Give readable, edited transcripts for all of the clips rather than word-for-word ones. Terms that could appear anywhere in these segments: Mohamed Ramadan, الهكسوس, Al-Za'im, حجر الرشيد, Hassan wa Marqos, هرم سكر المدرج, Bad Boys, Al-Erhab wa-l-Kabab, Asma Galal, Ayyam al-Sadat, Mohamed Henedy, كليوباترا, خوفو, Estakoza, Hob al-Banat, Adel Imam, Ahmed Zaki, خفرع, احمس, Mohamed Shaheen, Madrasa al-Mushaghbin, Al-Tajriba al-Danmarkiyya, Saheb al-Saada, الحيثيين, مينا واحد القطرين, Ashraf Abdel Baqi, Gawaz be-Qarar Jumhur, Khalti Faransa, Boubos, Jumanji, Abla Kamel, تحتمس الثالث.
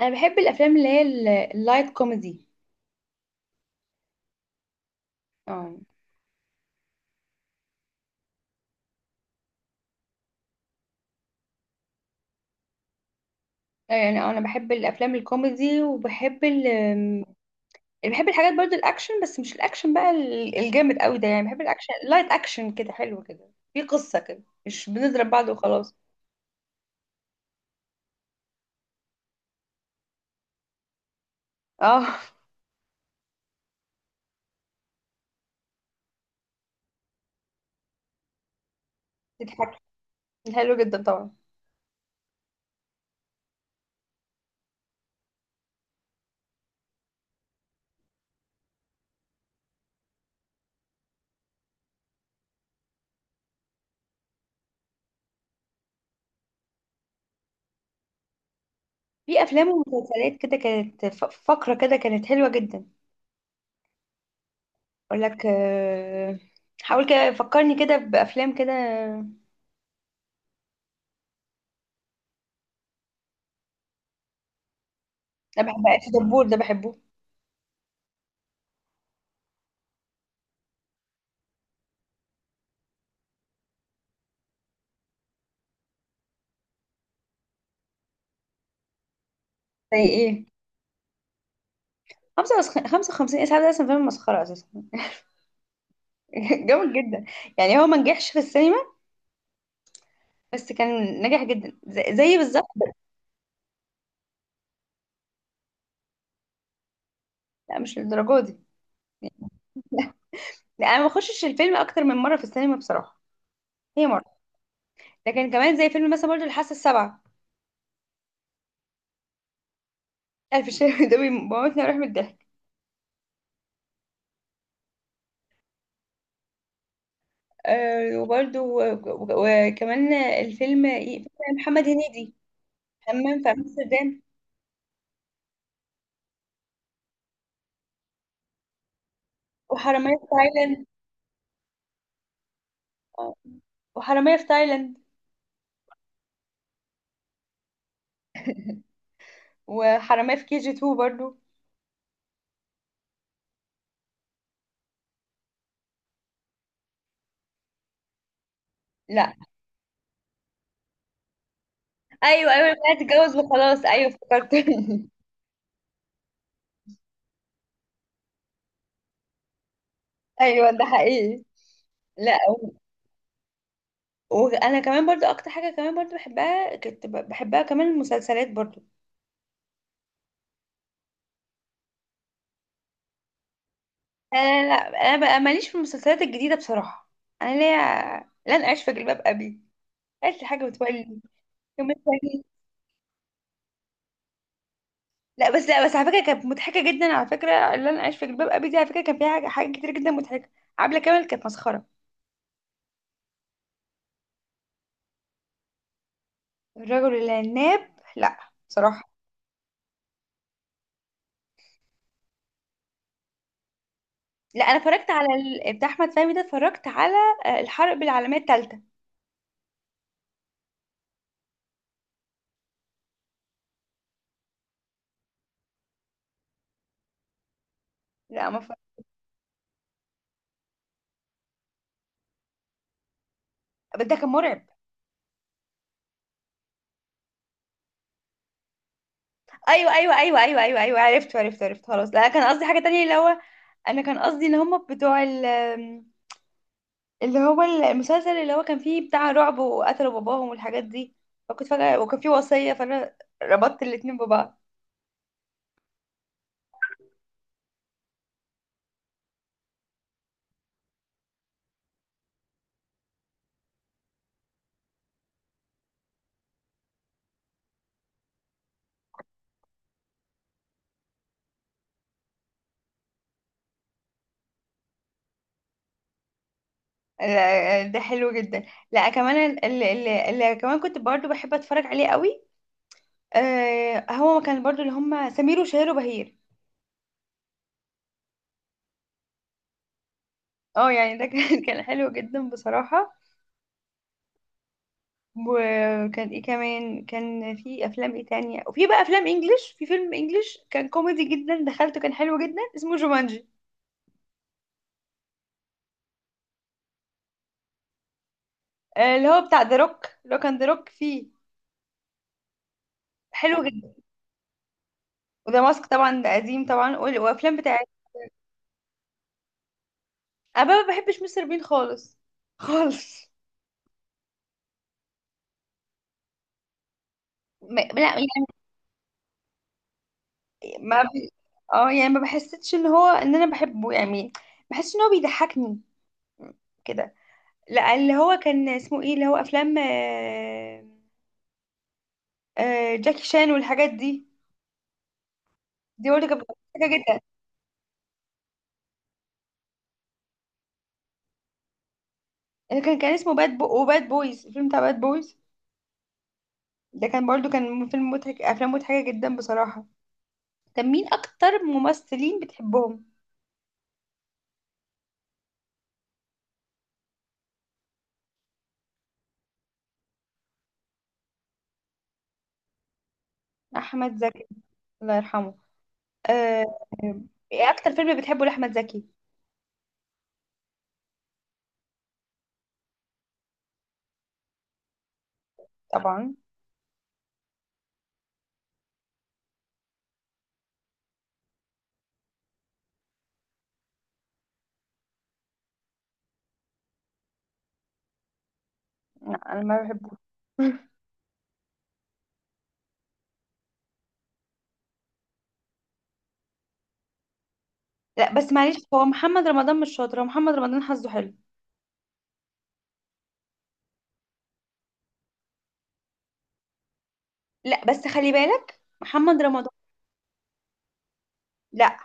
انا بحب الافلام اللي هي اللايت كوميدي. اه. انا بحب الافلام الكوميدي وبحب ال أم، بحب الحاجات برضو الاكشن، بس مش الاكشن بقى الجامد قوي ده. يعني بحب الاكشن لايت اكشن كده، حلو كده، في قصة كده، مش بنضرب بعض وخلاص. اه. تضحك. حلو جدا طبعا. في افلام ومسلسلات كده كانت فقرة كده كانت حلوة جدا. اقول لك، حاول كده فكرني كده بافلام كده. انا بحب في دبور ده، بحبه. زي ايه؟ 55 اسعاد ده اصلا فيلم مسخرة اساسا. جامد جدا. يعني هو ما نجحش في السينما، بس كان ناجح جدا زي بالظبط. لا مش للدرجة دي. لا، لا، انا ما بخشش الفيلم اكتر من مرة في السينما بصراحة، هي مرة. لكن كمان زي فيلم مثلا برضه الحاسة السابعة، الف الشيخ. ده بيموتني وراح من الضحك. آه، وبرضه وكمان الفيلم فيلم محمد هنيدي، حمام في امستردام، وحرامية في تايلاند. آه، وحرامية في تايلاند، وحرامية في كي جي 2 برضه. لا. ايوه ايوه، انا اتجوز وخلاص، ايوه افتكرت. ايوه، ده حقيقي. لا و- وانا كمان برضو اكتر حاجه كمان برضو بحبها، كنت بحبها كمان، المسلسلات برضو. انا لا، انا بقى ماليش في المسلسلات الجديده بصراحه. انا ليا لن اعيش في جلباب ابي، اي حاجه بتولي، يوم الثاني. لا بس، لا بس على فكره كانت مضحكه جدا على فكره. لن اعيش في جلباب ابي دي على فكره كان فيها حاجات كتير جدا مضحكه. عبله كامل كانت مسخره. الرجل العناب؟ لا بصراحه. لا انا اتفرجت على بتاع احمد فهمي ده، اتفرجت على، الحرب العالميه الثالثه. لا ما اتفرج- بس ده كان مرعب. ايوه ايوه ايوه ايوه ايوه ايوه، عرفت عرفت عرفت، خلاص. لا كان قصدي حاجه تانية، اللي هو، انا كان قصدي ان هم بتوع اللي هو المسلسل اللي هو كان فيه بتاع رعب وقتلوا باباهم والحاجات دي، فكنت فجاه وكان فيه وصيه، فانا ربطت الاتنين ببعض. لا، ده حلو جدا. لا كمان اللي كمان كنت برضو بحب اتفرج عليه قوي، آه، هو كان برضو اللي هم سمير وشهير وبهير. اه يعني ده كان، كان حلو جدا بصراحة. وكان ايه كمان؟ كان في افلام ايه تانية، وفي بقى افلام انجليش، في فيلم انجليش كان كوميدي جدا دخلته، كان حلو جدا، اسمه جومانجي، اللي هو بتاع ذا روك. لو كان ذا روك فيه، حلو جدا. وذا ماسك طبعا ده قديم طبعا، وافلام بتاعت. انا بقى ما بحبش مستر بين خالص، خالص. ما... لا يعني ما ب... اه يعني ما بحسيتش ان هو ان انا بحبه يعني، بحس ان هو بيضحكني كده. لا اللي هو كان اسمه ايه اللي هو، افلام، جاكي شان والحاجات دي. دي برضه كانت مضحكه جدا. اللي كان اسمه باد بو وباد بويز، الفيلم بتاع باد بويز ده كان برضه كان فيلم مضحك. افلام مضحكه جدا بصراحه. طب مين اكتر ممثلين بتحبهم؟ احمد زكي، الله يرحمه. آه، آه، ايه اكتر فيلم بتحبه لاحمد زكي؟ طبعا. لا انا ما بحبوش. لا بس معلش، هو محمد رمضان مش شاطر، هو محمد رمضان حظه حلو. لا بس خلي بالك محمد رمضان. لا،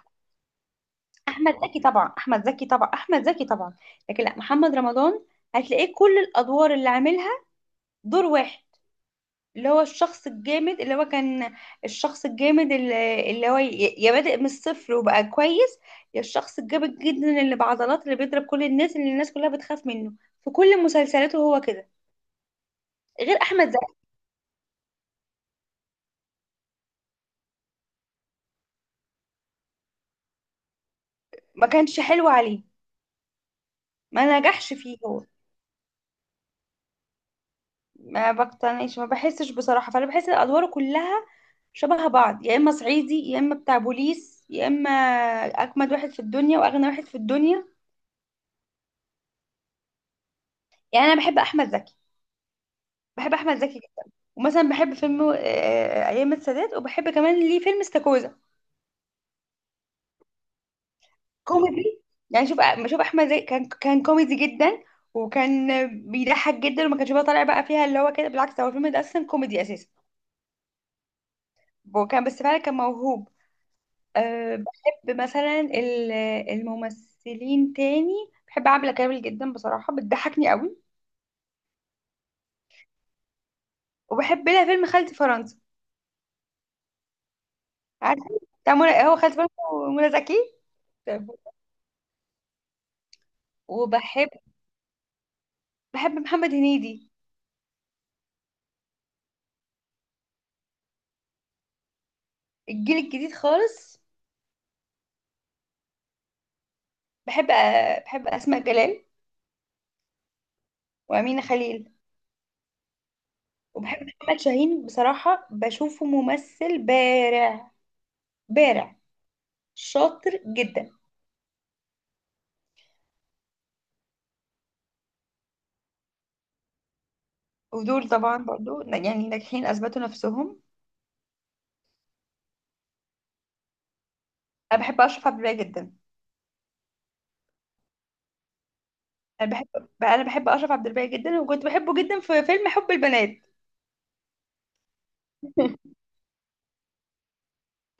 احمد زكي طبعا، احمد زكي طبعا، احمد زكي طبعا. لكن لا، محمد رمضان هتلاقيه كل الادوار اللي عاملها دور واحد، اللي هو الشخص الجامد اللي هو كان، الشخص الجامد اللي هو يا بادئ من الصفر وبقى كويس، يا الشخص الجامد جدا اللي بعضلات، اللي بيضرب كل الناس، اللي الناس كلها بتخاف منه. في كل مسلسلاته هو كده، غير احمد زكي. ما كانش حلو عليه، ما نجحش فيه هو. ما بحسش بصراحة، فأنا بحس الأدوار كلها شبه بعض، يا إما صعيدي، يا إما بتاع بوليس، يا إما أجمد واحد في الدنيا وأغنى واحد في الدنيا. يعني أنا بحب أحمد زكي، بحب أحمد زكي جدا. ومثلا بحب فيلم، أيام السادات. وبحب كمان ليه فيلم استاكوزا، كوميدي. يعني شوف، شوف أحمد زكي كان كوميدي جدا، وكان بيضحك جدا، وما كانش بقى طالع بقى فيها اللي هو كده، بالعكس هو الفيلم ده أصلا كوميدي أساسا، وكان بس فعلا كان موهوب. أه بحب مثلا الممثلين تاني، بحب عبلة كامل جدا بصراحة، بتضحكني قوي. وبحب لها فيلم خالتي فرنسا، عارفة، بتاع منى، هو خالتي فرنسا ومنى زكي. طيب. وبحب، بحب محمد هنيدي. الجيل الجديد خالص، بحب، أه بحب أسماء جلال، وأمينة خليل، وبحب محمد شاهين بصراحة، بشوفه ممثل بارع، بارع شاطر جدا. ودول طبعا برضو يعني ناجحين، أثبتوا نفسهم. أنا بحب أشرف عبد الباقي جدا. انا بحب بقى، انا بحب اشرف عبد الباقي جدا، وكنت بحبه جدا في فيلم حب البنات.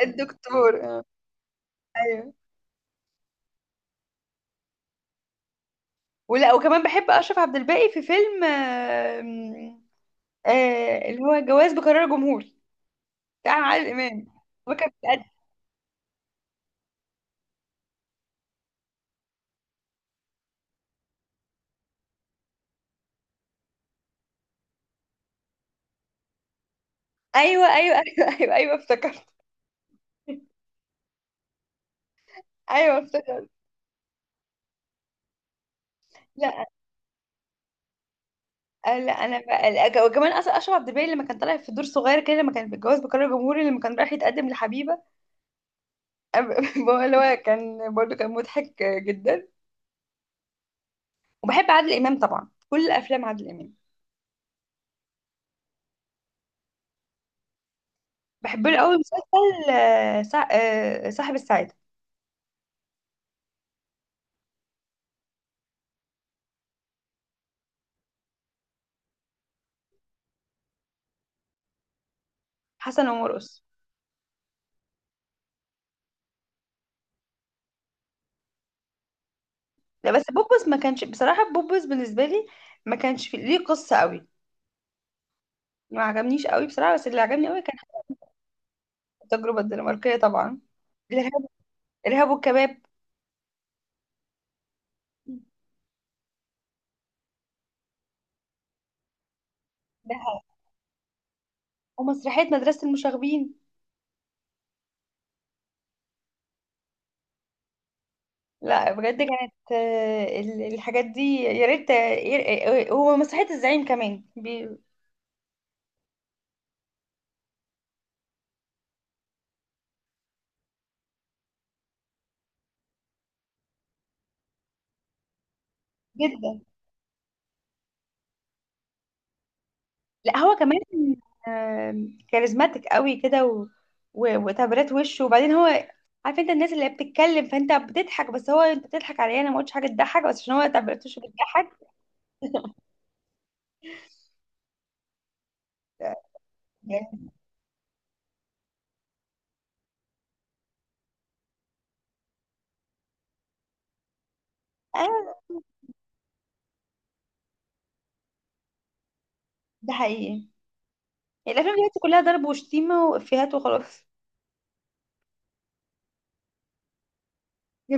الدكتور، ايوه. ولا، وكمان بحب اشرف عبد الباقي في فيلم اللي هو جواز بقرار جمهور بتاع عادل امام. هو كان بيقدم- ايوه ايوه ايوه ايوه ايوه افتكرت، ايوه افتكرت. لا، لا انا بقى، لا، وكمان اصلا اشرف عبد الباقي لما كان طالع في دور صغير كده، لما كان في جواز بقرار جمهوري لما كان رايح يتقدم لحبيبه. هو اللي هو كان برضه كان مضحك جدا. وبحب عادل امام طبعا، كل افلام عادل امام. بحب له قوي مسلسل، صاحب السعادة. حسن ومرقص. لا بس بوبوس ما كانش بصراحة، بوبوس بالنسبة لي ما كانش في ليه قصة قوي، ما عجبنيش قوي بصراحة. بس اللي عجبني قوي كان، التجربة الدنماركية طبعا، الإرهاب، الإرهاب والكباب ده، ومسرحية مدرسة المشاغبين. لا بجد كانت، الحاجات دي يا ريت، ومسرحية الزعيم كمان جدا. لا هو كمان، كاريزماتيك قوي كده، و... و... وتعبيرات وشه. وبعدين هو عارف، انت الناس اللي هي بتتكلم فانت بتضحك، بس هو انت بتضحك عليه، انا ما قلتش حاجه تضحك، بس عشان هو تعبيرات وشه بتضحك. يعني آه، ده حقيقي. يعني الافلام دلوقتي كلها ضرب وشتيمه وافيهات وخلاص.